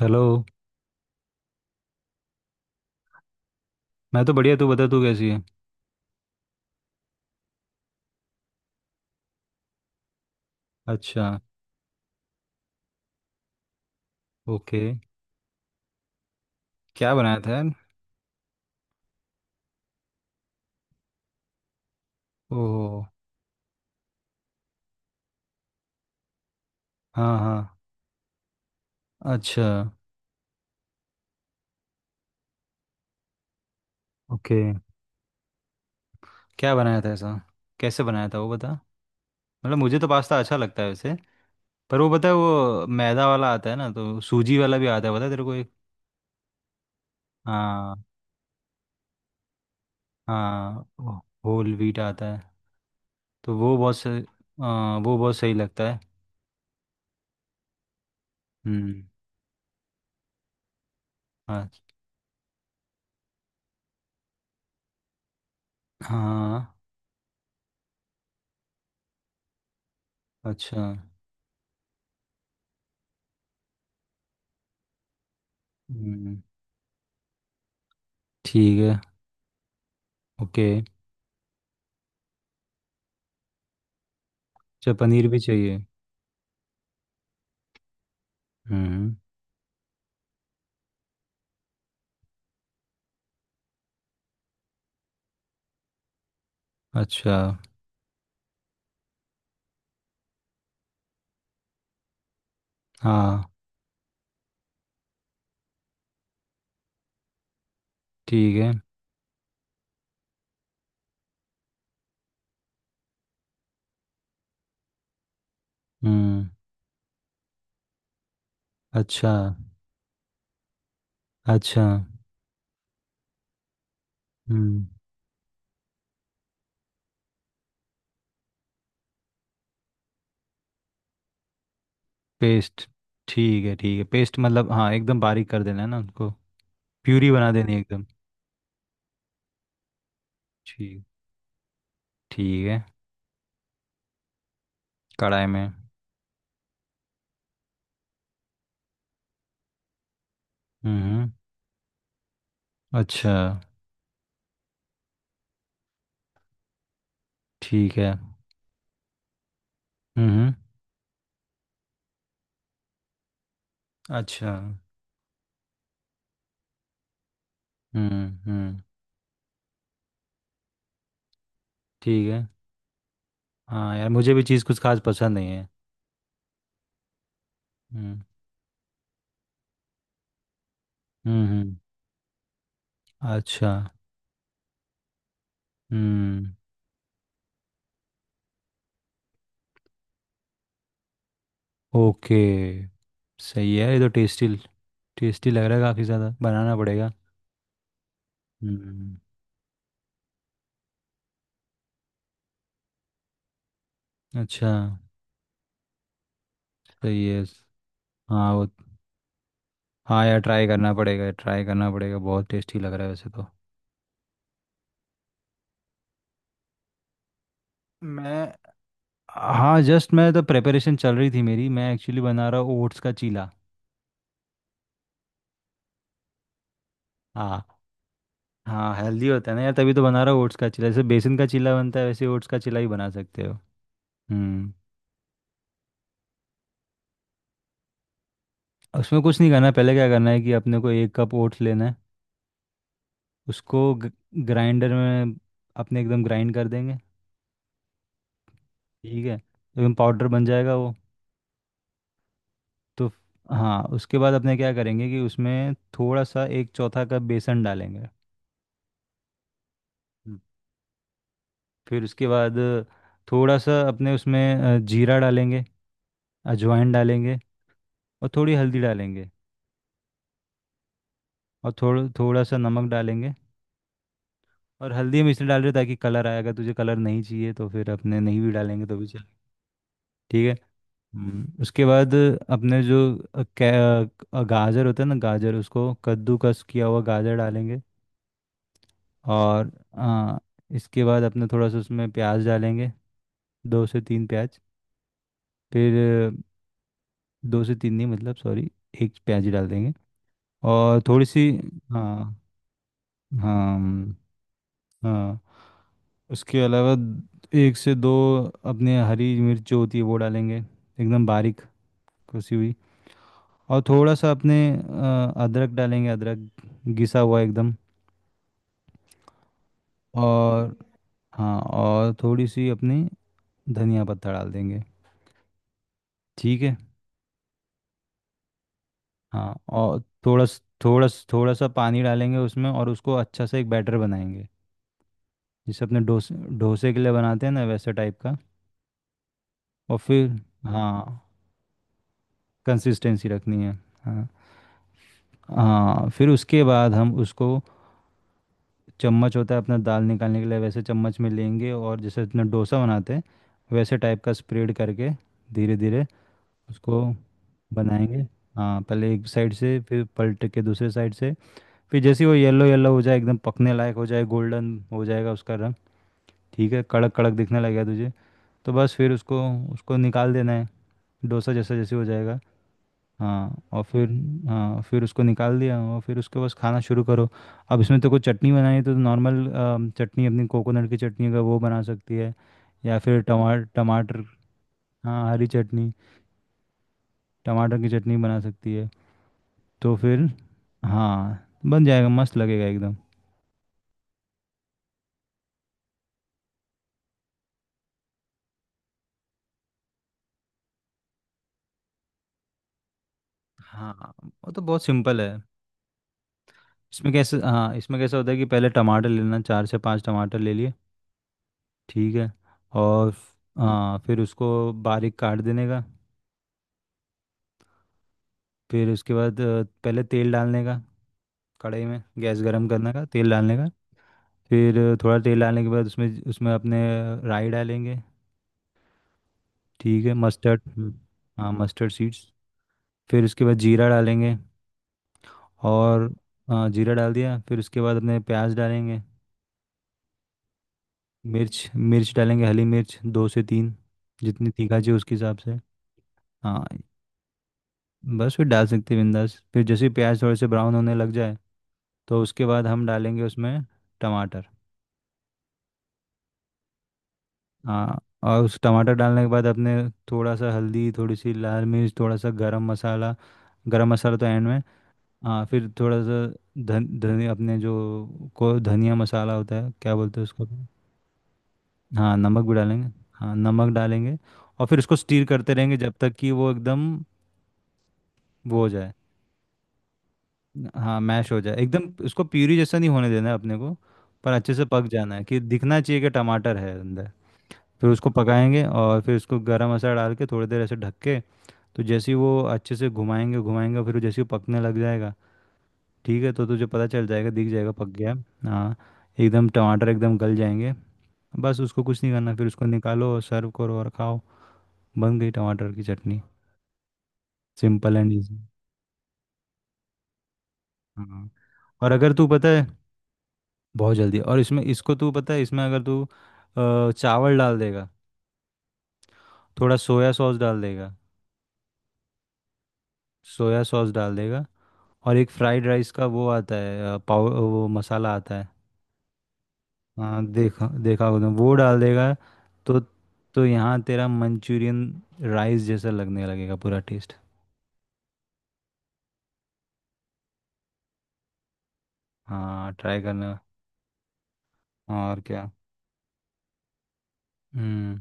Hello. मैं तो बढ़िया, तू बता तू कैसी है? अच्छा। ओके। क्या बनाया था यार? ओह। हाँ हाँ। अच्छा। ओके। क्या बनाया था ऐसा? कैसे बनाया था वो बता। मतलब मुझे तो पास्ता अच्छा लगता है वैसे। पर वो बता, वो मैदा वाला आता है ना, तो सूजी वाला भी आता है, पता है तेरे को एक। हाँ हाँ। वो होल व्हीट आता है, तो वो बहुत सही। वो बहुत सही लगता है। हम्म। हाँ हाँ। अच्छा। हम्म। ठीक है। ओके। अच्छा, पनीर भी चाहिए। हम्म। अच्छा। हाँ ठीक है। हम्म। अच्छा अच्छा। हम्म। पेस्ट। ठीक है ठीक है। पेस्ट मतलब हाँ, एकदम बारीक कर देना है ना उनको। प्यूरी बना देनी है एकदम। ठीक। ठीक है। कढ़ाई में। हम्म। अच्छा। ठीक है। हम्म। अच्छा। हम्म। ठीक है। हाँ यार, मुझे भी चीज़ कुछ खास पसंद नहीं है। हम्म हम्म। अच्छा। हम्म। ओके। सही है ये तो। टेस्टी। टेस्टी लग रहा है काफ़ी, ज़्यादा बनाना पड़ेगा। हम्म। अच्छा। सही है। हाँ वो। हाँ यार, ट्राई करना पड़ेगा ट्राई करना पड़ेगा, बहुत टेस्टी लग रहा है वैसे तो। मैं। हाँ जस्ट, मैं तो प्रेपरेशन चल रही थी मेरी। मैं एक्चुअली बना रहा हूँ ओट्स का चीला। हाँ हाँ। हेल्दी होता है ना यार, तभी तो बना रहा हूँ ओट्स का चीला। जैसे बेसन का चीला बनता है, वैसे ओट्स का चीला भी बना सकते हो। हम्म। उसमें कुछ नहीं करना। पहले क्या करना है कि अपने को एक कप ओट्स लेना है। उसको ग्राइंडर में अपने एकदम ग्राइंड कर देंगे। ठीक है, एकदम पाउडर बन जाएगा वो तो। हाँ, उसके बाद अपने क्या करेंगे कि उसमें थोड़ा सा एक चौथा कप बेसन डालेंगे। हम्म। फिर उसके बाद थोड़ा सा अपने उसमें जीरा डालेंगे। अजवाइन डालेंगे। और थोड़ी हल्दी डालेंगे। और थोड़ा थोड़ा सा नमक डालेंगे। और हल्दी हम इसलिए डाल रहे हैं ताकि कलर आएगा। तुझे कलर नहीं चाहिए तो फिर अपने नहीं भी डालेंगे तो भी चल। ठीक है। उसके बाद अपने जो अ, कै- गाजर होता है ना गाजर, उसको कद्दूकस किया हुआ गाजर डालेंगे। और हाँ, इसके बाद अपने थोड़ा सा उसमें प्याज डालेंगे, दो से तीन प्याज। फिर दो से तीन नहीं, मतलब सॉरी, एक प्याज ही डाल देंगे। और थोड़ी सी। हाँ हाँ हाँ। उसके अलावा एक से दो अपने हरी मिर्च जो होती है वो डालेंगे, एकदम बारीक कसी हुई। और थोड़ा सा अपने अदरक डालेंगे, अदरक घिसा हुआ एकदम। और हाँ, और थोड़ी सी अपनी धनिया पत्ता डाल देंगे। ठीक है। हाँ, और थोड़ा सा पानी डालेंगे उसमें, और उसको अच्छा से एक बैटर बनाएंगे। जिसे अपने डोसे डोसे के लिए बनाते हैं ना, वैसे टाइप का। और फिर हाँ, कंसिस्टेंसी रखनी है। हाँ हाँ। फिर उसके बाद हम उसको, चम्मच होता है अपना दाल निकालने के लिए, वैसे चम्मच में लेंगे और जैसे अपना डोसा बनाते हैं वैसे टाइप का स्प्रेड करके धीरे धीरे उसको बनाएंगे। हाँ, पहले एक साइड से फिर पलट के दूसरे साइड से। फिर जैसे ही वो येलो येलो हो जाए, एकदम पकने लायक हो जाए, गोल्डन हो जाएगा उसका रंग। ठीक है, कड़क कड़क दिखने लगेगा तुझे। तो बस फिर उसको उसको निकाल देना है, डोसा जैसा जैसे हो जाएगा। हाँ और फिर। हाँ, फिर उसको निकाल दिया और फिर उसके बस खाना शुरू करो। अब इसमें तो कोई चटनी बनानी है तो नॉर्मल चटनी अपनी कोकोनट की चटनी अगर वो बना सकती है, या फिर टमाटर टमाटर। हाँ, हरी चटनी। टमाटर की चटनी बना सकती है तो फिर। हाँ, बन जाएगा, मस्त लगेगा एकदम। हाँ, वो तो बहुत सिंपल है। इसमें कैसे? हाँ, इसमें कैसा होता है कि पहले टमाटर लेना, चार से पांच टमाटर ले लिए। ठीक है। और। हाँ, फिर उसको बारीक काट देने का। फिर उसके बाद पहले तेल डालने का। कढ़ाई में गैस गर्म करने का, तेल डालने का। फिर थोड़ा तेल डालने के बाद उसमें उसमें अपने राई डालेंगे। ठीक है, मस्टर्ड। हम्म। हाँ, मस्टर्ड सीड्स। फिर उसके बाद जीरा डालेंगे। और हाँ, जीरा डाल दिया, फिर उसके बाद अपने प्याज डालेंगे। मिर्च मिर्च डालेंगे, हरी मिर्च दो से तीन, जितनी तीखा चाहिए उसके हिसाब से। हाँ, बस फिर डाल सकते हैं बिंदास। फिर जैसे ही प्याज थोड़े से ब्राउन होने लग जाए, तो उसके बाद हम डालेंगे उसमें टमाटर। हाँ। और उस टमाटर डालने के बाद अपने थोड़ा सा हल्दी, थोड़ी सी लाल मिर्च, थोड़ा सा गरम मसाला। गरम मसाला तो एंड में। हाँ, फिर थोड़ा सा धन धनिया, अपने जो, को धनिया मसाला होता है क्या बोलते हैं उसको। हाँ, नमक भी डालेंगे। हाँ, नमक डालेंगे। और फिर उसको स्टीर करते रहेंगे जब तक कि वो एकदम वो हो जाए। हाँ, मैश हो जाए एकदम उसको। प्यूरी जैसा नहीं होने देना है अपने को, पर अच्छे से पक जाना है कि दिखना चाहिए कि टमाटर है अंदर। फिर उसको पकाएंगे और फिर उसको गरम मसाला डाल के थोड़ी देर ऐसे ढक के, तो जैसे ही वो अच्छे से घुमाएंगे घुमाएंगे, फिर जैसे ही पकने लग जाएगा। ठीक है, तो तुझे पता चल जाएगा, दिख जाएगा पक गया है। हाँ, एकदम टमाटर एकदम गल जाएंगे। बस उसको कुछ नहीं करना, फिर उसको निकालो, सर्व करो और खाओ। बन गई टमाटर की चटनी। Simple and easy. हाँ। और अगर तू पता है, बहुत जल्दी। और इसमें इसको तू पता है, इसमें अगर तू चावल डाल देगा, थोड़ा सोया सॉस डाल देगा। सोया सॉस डाल देगा। और एक फ्राइड राइस का वो आता है, पाव वो मसाला आता है। हाँ, देखा देखा होगा तुमने, वो डाल देगा। तो तो यहाँ तेरा मंचूरियन राइस जैसा लगने लगेगा, पूरा टेस्ट। हाँ, ट्राई करना। और क्या। हम्म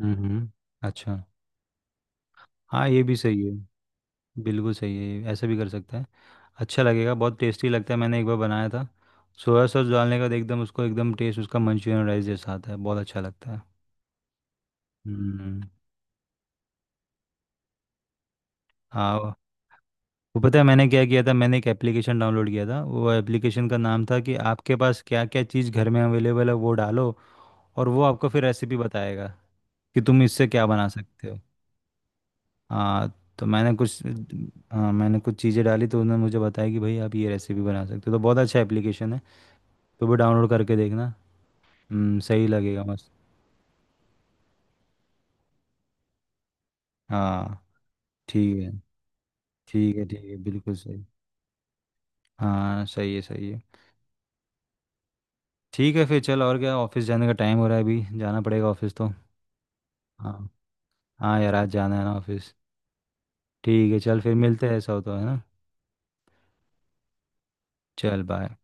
हम्म। अच्छा। हाँ, ये भी सही है, बिल्कुल सही है, ऐसा भी कर सकता है। अच्छा लगेगा, बहुत टेस्टी लगता है। मैंने एक बार बनाया था, सोया सॉस डालने के बाद एकदम उसको, एकदम टेस्ट उसका मंचूरियन राइस जैसा आता है, बहुत अच्छा लगता है। हम्म। हाँ वो, पता है मैंने क्या किया था, मैंने एक एप्लीकेशन डाउनलोड किया था। वो एप्लीकेशन का नाम था कि आपके पास क्या क्या चीज़ घर में अवेलेबल है, वो डालो। और वो आपको फिर रेसिपी बताएगा कि तुम इससे क्या बना सकते हो। हाँ, तो मैंने कुछ। हाँ, मैंने कुछ चीज़ें डाली तो उन्होंने मुझे बताया कि भाई आप ये रेसिपी बना सकते हो, तो बहुत अच्छा एप्लीकेशन है। तो भी डाउनलोड करके देखना। सही लगेगा मस्त। हाँ। ठीक है ठीक है ठीक है, बिल्कुल सही। हाँ, सही है सही है। ठीक है। फिर चल, और क्या। ऑफिस जाने का टाइम हो रहा है, अभी जाना पड़ेगा ऑफिस तो। हाँ। हाँ यार, आज जाना है ना ऑफिस। ठीक है, चल फिर मिलते हैं, ऐसा हो तो है ना। चल बाय।